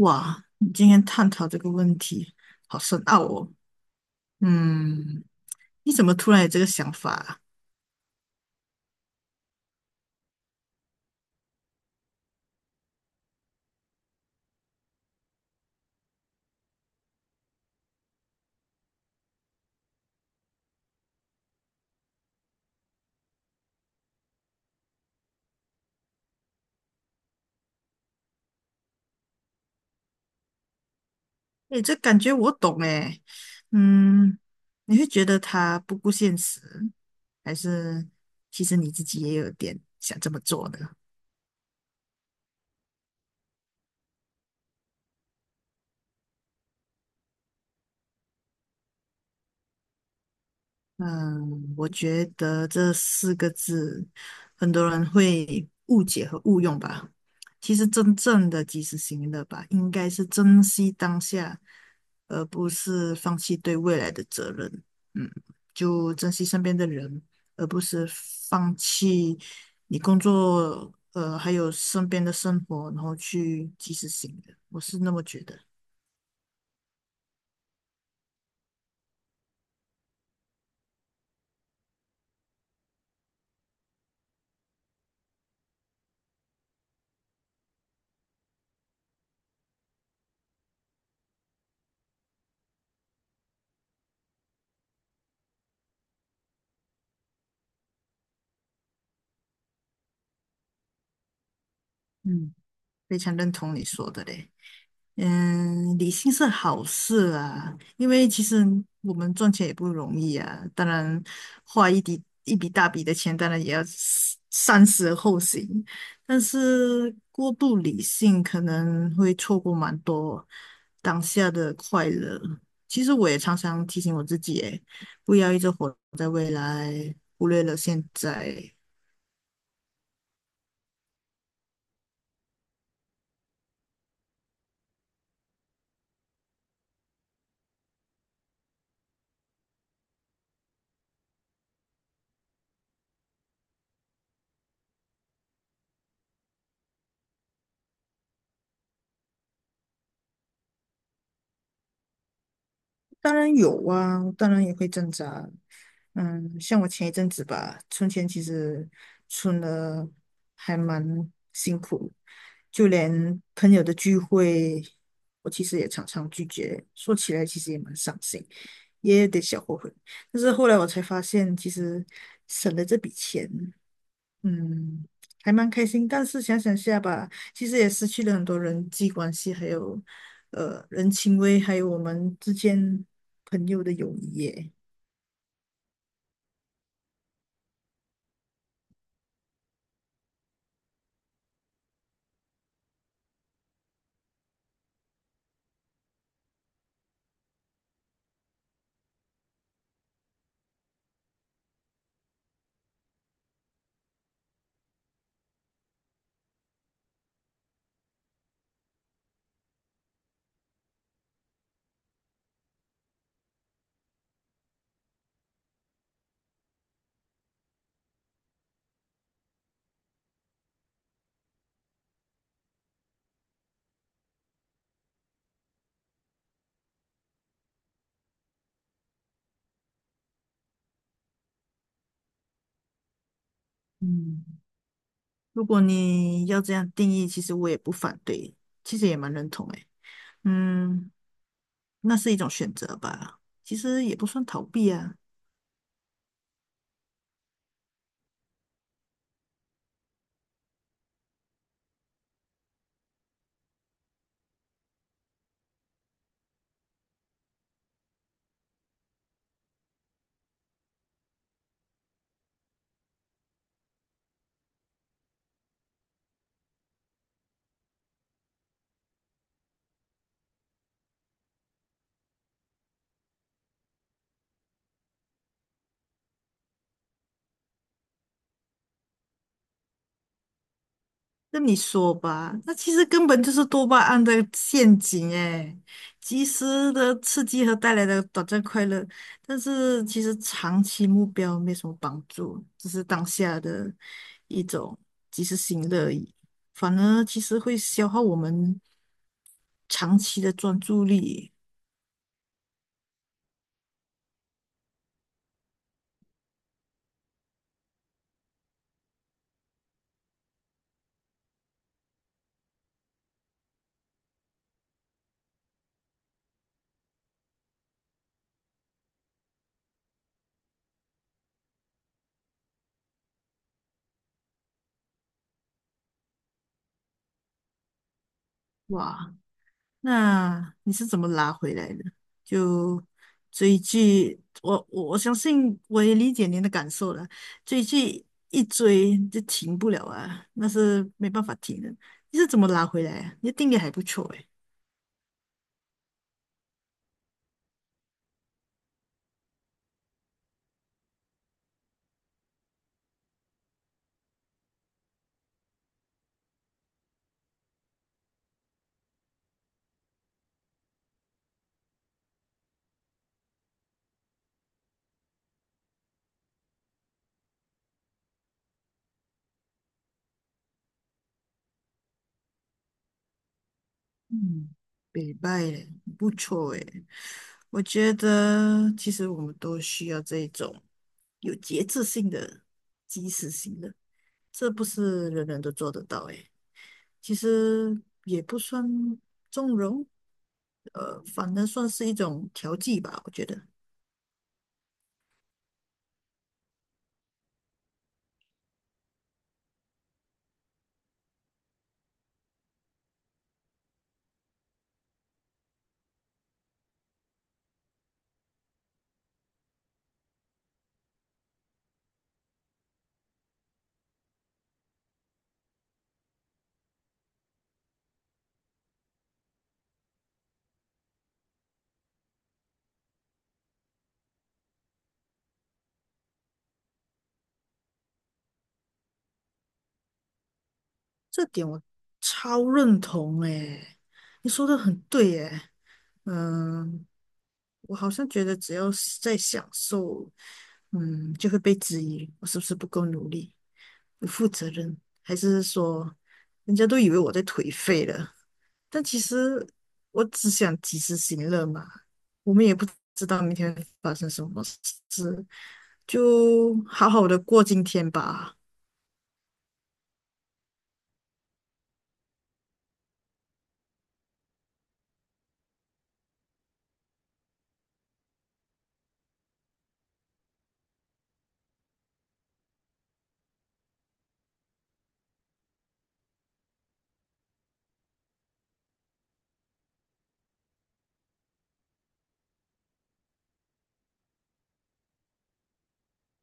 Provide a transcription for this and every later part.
哇，你今天探讨这个问题，好深奥哦。嗯，你怎么突然有这个想法啊？诶，这感觉我懂诶。嗯，你会觉得他不顾现实，还是其实你自己也有点想这么做的？嗯，我觉得这四个字很多人会误解和误用吧。其实真正的及时行乐吧，应该是珍惜当下，而不是放弃对未来的责任。嗯，就珍惜身边的人，而不是放弃你工作，还有身边的生活，然后去及时行乐。我是那么觉得。嗯，非常认同你说的嘞。嗯，理性是好事啊，因为其实我们赚钱也不容易啊。当然，花一笔一笔大笔的钱，当然也要思三思而后行。但是过度理性可能会错过蛮多当下的快乐。其实我也常常提醒我自己，诶，不要一直活在未来，忽略了现在。当然有啊，当然也会挣扎。嗯，像我前一阵子吧，存钱其实存了还蛮辛苦，就连朋友的聚会，我其实也常常拒绝。说起来其实也蛮伤心，也有点小后悔。但是后来我才发现，其实省了这笔钱。嗯，还蛮开心，但是想想下吧，其实也失去了很多人际关系，还有人情味，还有我们之间朋友的友谊耶。嗯，如果你要这样定义，其实我也不反对，其实也蛮认同诶。嗯，那是一种选择吧，其实也不算逃避啊。那你说吧，那其实根本就是多巴胺的陷阱诶，及时的刺激和带来的短暂快乐，但是其实长期目标没什么帮助，只是当下的一种及时行乐而已，反而其实会消耗我们长期的专注力。哇，那你是怎么拉回来的？就追剧，我相信我也理解您的感受了。追剧一追就停不了啊，那是没办法停的。你是怎么拉回来啊？你的定力还不错诶。嗯，北拜耶不错诶。我觉得其实我们都需要这一种有节制性的、及时性的。这不是人人都做得到诶。其实也不算纵容，反正算是一种调剂吧，我觉得这点我超认同诶，你说的很对诶，嗯，我好像觉得只要是在享受，嗯，就会被质疑我是不是不够努力、不负责任，还是说人家都以为我在颓废了。但其实我只想及时行乐嘛，我们也不知道明天会发生什么事，就好好的过今天吧。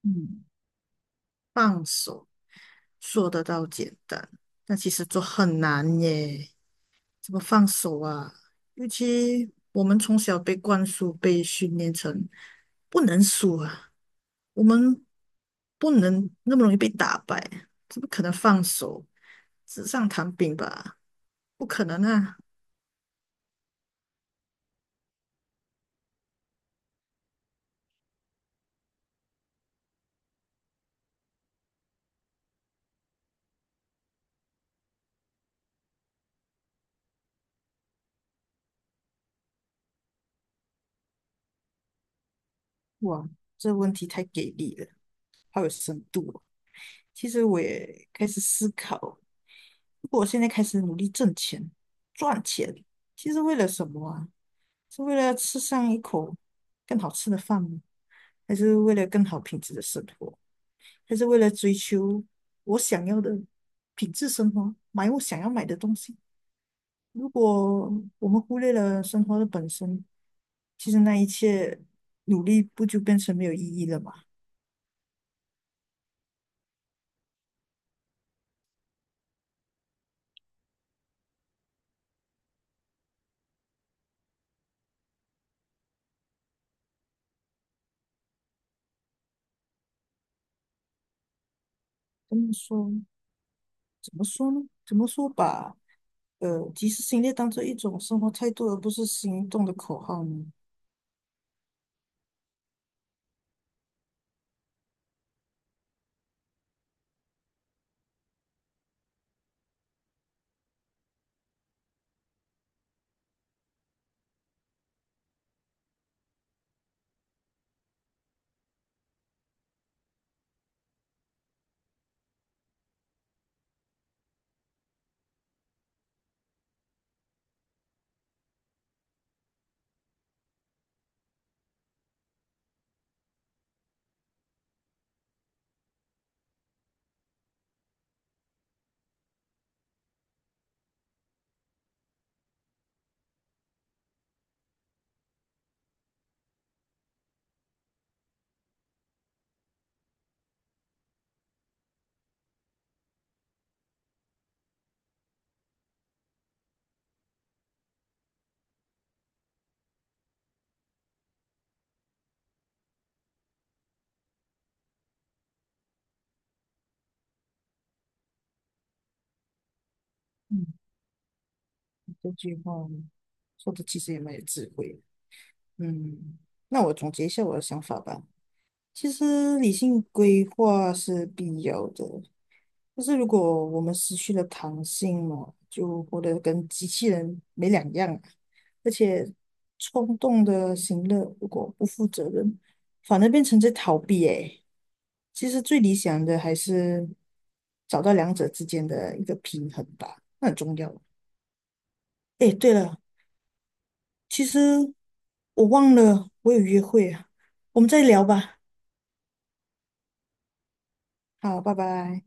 嗯，放手说得到简单，但其实做很难耶。怎么放手啊？尤其我们从小被灌输、被训练成不能输啊，我们不能那么容易被打败，怎么可能放手？纸上谈兵吧。不可能啊！哇，这问题太给力了，好有深度哦。其实我也开始思考，如果我现在开始努力挣钱、赚钱，其实为了什么啊？是为了要吃上一口更好吃的饭吗？还是为了更好品质的生活？还是为了追求我想要的品质生活，买我想要买的东西？如果我们忽略了生活的本身，其实那一切努力不就变成没有意义了吗？怎么说？怎么说呢？怎么说把及时行乐当做一种生活态度，而不是行动的口号呢？嗯，这句话说的其实也蛮有智慧。嗯，那我总结一下我的想法吧。其实理性规划是必要的，就是如果我们失去了弹性嘛，就活得跟机器人没两样啊。而且冲动的行乐，如果不负责任，反而变成在逃避。诶，其实最理想的还是找到两者之间的一个平衡吧，那很重要。诶，对了，其实我忘了我有约会啊，我们再聊吧。好，拜拜。